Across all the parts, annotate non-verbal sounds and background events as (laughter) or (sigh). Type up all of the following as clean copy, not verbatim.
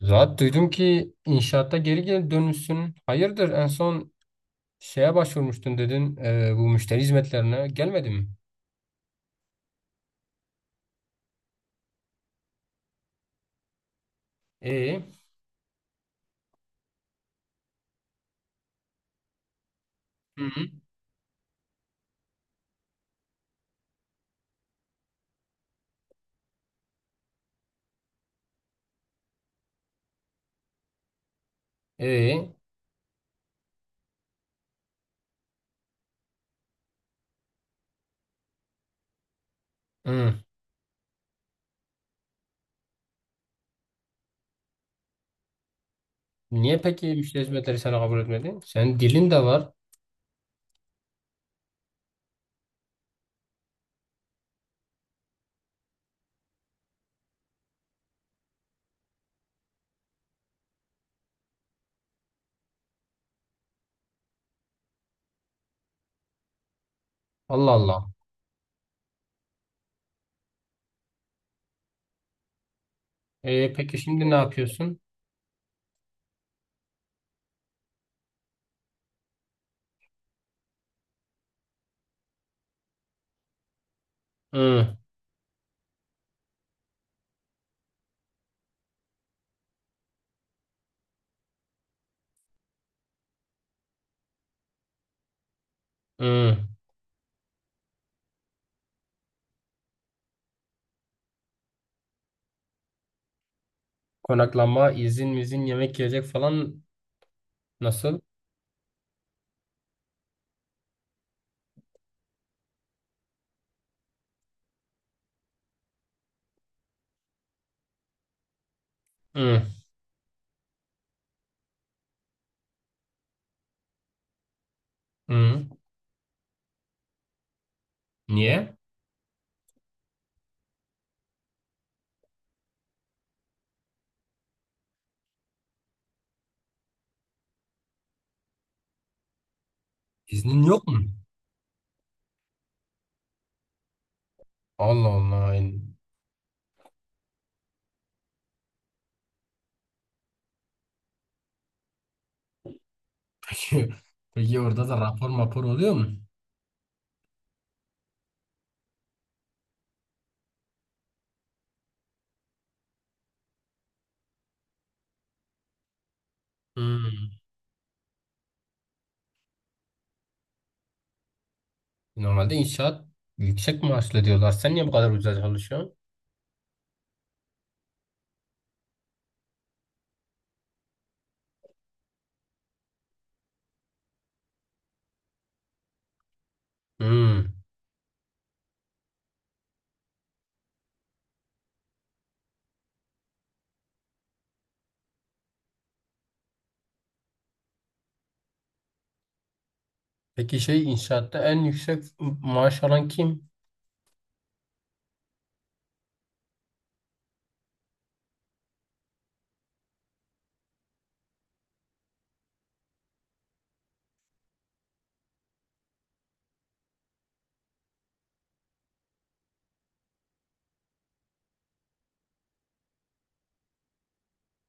Zaten duydum ki inşaatta geri geri dönmüşsün. Hayırdır en son şeye başvurmuştun dedin bu müşteri hizmetlerine. Gelmedi mi? E, hı hı. E, hı. Niye peki müşteri hizmetleri seni kabul etmedi? Senin dilin de var. Allah Allah. E, peki şimdi ne yapıyorsun? Hı, hı. Konaklama, izin, mizin, yemek yiyecek falan nasıl? Hı, hı. Niye? İznin yok mu? Allah Allah. (laughs) Peki, peki, orada da rapor mapor oluyor mu? Hmm. Normalde inşaat yüksek maaşlı diyorlar. Sen niye bu kadar ucuza çalışıyorsun? Hmm. Peki şey inşaatta en yüksek maaş alan kim?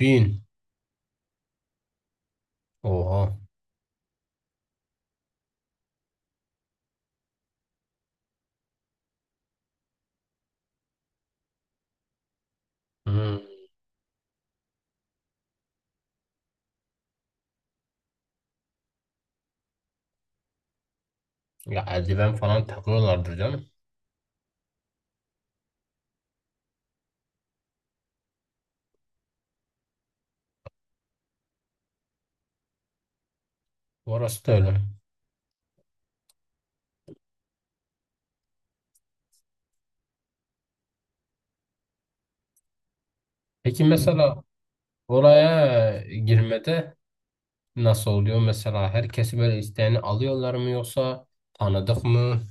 Bin. Oha. Hmm. Ya eldiven falan takıyorlardır canım. Orası da öyle. Peki mesela oraya girmede nasıl oluyor? Mesela herkesi böyle isteğini alıyorlar mı yoksa tanıdık mı?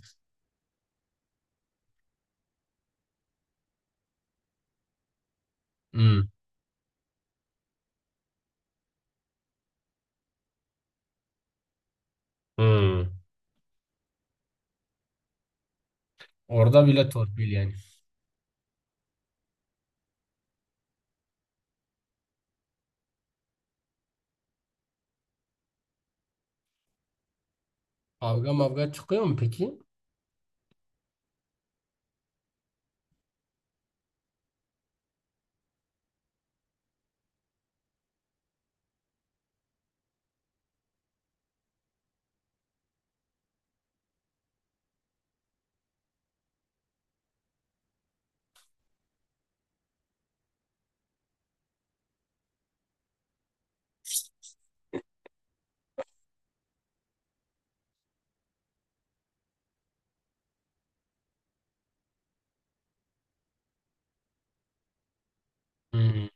Hmm. Hmm. Orada bile torpil yani. Kavga mavga çıkıyor mu peki? Hmm.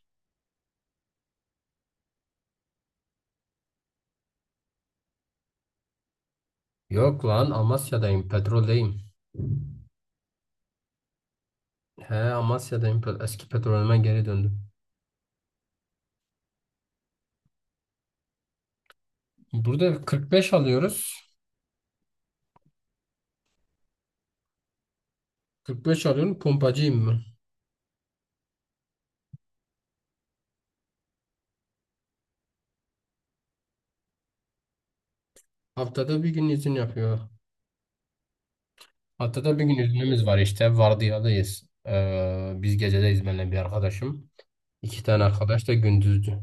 Yok lan Amasya'dayım, petroldeyim. He, Amasya'dayım. Eski petrolüme geri döndüm. Burada 45 alıyoruz. 45 alıyorum. Pompacıyım mı? Haftada bir gün izin yapıyor. Haftada bir gün iznimiz var işte. Vardiyadayız. Biz gecedeyiz benimle bir arkadaşım. İki tane arkadaş da gündüzdü.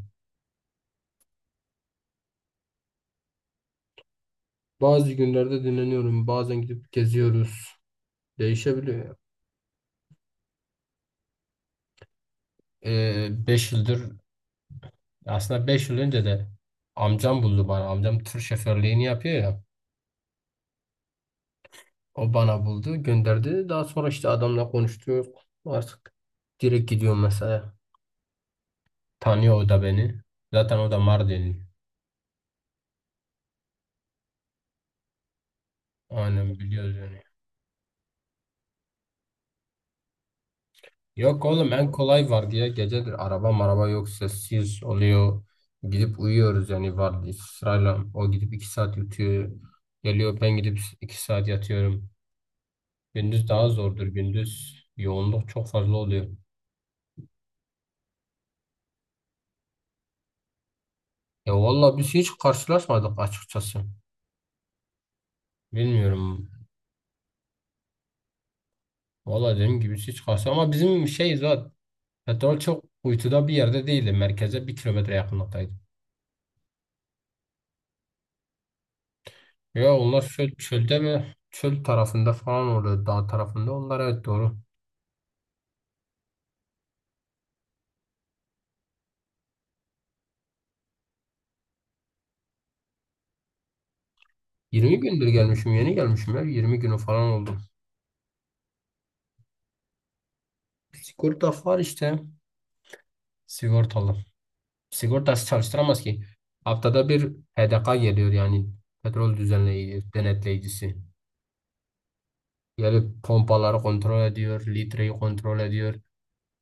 Bazı günlerde dinleniyorum. Bazen gidip geziyoruz. Değişebiliyor. 5 yıldır aslında 5 yıl önce de amcam buldu bana. Amcam tır şoförlüğünü yapıyor ya. O bana buldu, gönderdi. Daha sonra işte adamla konuştuk. Artık direkt gidiyorum mesela. Tanıyor o da beni. Zaten o da Mardinli. Aynen biliyoruz yani. Yok oğlum, en kolay var diye gecedir, araba maraba yok, sessiz oluyor. Gidip uyuyoruz yani, var sırayla. O gidip 2 saat yutuyor. Geliyor, ben gidip 2 saat yatıyorum. Gündüz daha zordur gündüz. Yoğunluk çok fazla oluyor. Ya vallahi biz hiç karşılaşmadık açıkçası. Bilmiyorum. Valla dediğim gibi hiç karşı ama bizim şey zaten, petrol çok kuytuda bir yerde değildi. Merkeze 1 kilometre yakınlıktaydı. Ya onlar çölde mi? Çöl tarafında falan, orada dağ tarafında. Onlar evet doğru. 20 gündür gelmişim, yeni gelmişim ya. 20 günü falan oldu. Sigorta var işte. Sigortalı. Sigortası çalıştıramaz ki. Haftada bir HDK geliyor, yani petrol düzenleyici, denetleyicisi. Gelip pompaları kontrol ediyor, litreyi kontrol ediyor.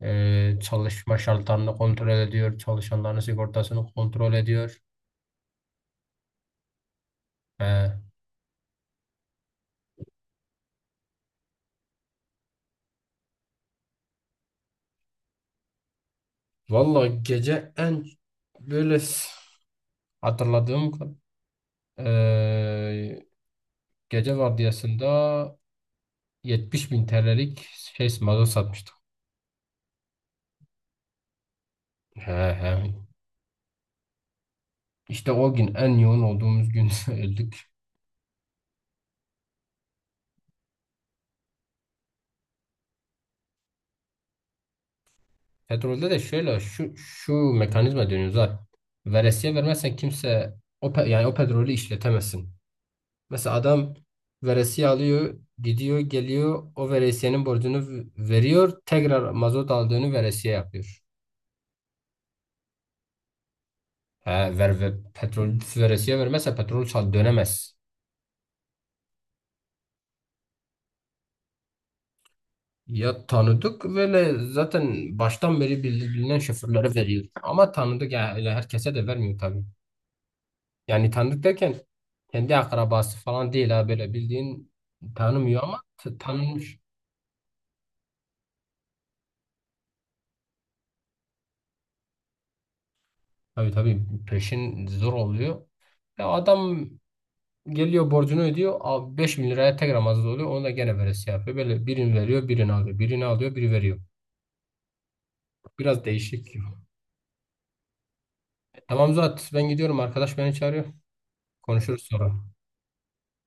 Çalışma şartlarını kontrol ediyor. Çalışanların sigortasını kontrol ediyor. He. Vallahi gece en böyle hatırladığım ee, gece vardiyasında 70 bin TL'lik şey mazot satmıştık. He he. İşte o gün en yoğun olduğumuz gün (laughs) öldük. Petrolde de şöyle şu şu mekanizma dönüyor zaten. Veresiye vermezsen kimse yani o petrolü işletemezsin. Mesela adam veresiye alıyor, gidiyor, geliyor, o veresiyenin borcunu veriyor, tekrar mazot aldığını veresiye yapıyor. He, petrol veresiye vermezse petrol çal dönemez. Ya tanıdık böyle zaten baştan beri bilinen şoförlere veriyor. Ama tanıdık ya, öyle herkese de vermiyor tabii. Yani tanıdık derken kendi akrabası falan değil, ha, böyle bildiğin tanımıyor ama tanınmış. Tabii tabii, peşin zor oluyor. Ya adam geliyor, borcunu ödüyor. Abi 5 bin liraya tekrar mazot oluyor. Onu da gene veresi yapıyor. Böyle birini veriyor, birini alıyor. Birini alıyor, biri veriyor. Biraz değişik gibi. E, tamam Zuhat, ben gidiyorum. Arkadaş beni çağırıyor. Konuşuruz sonra.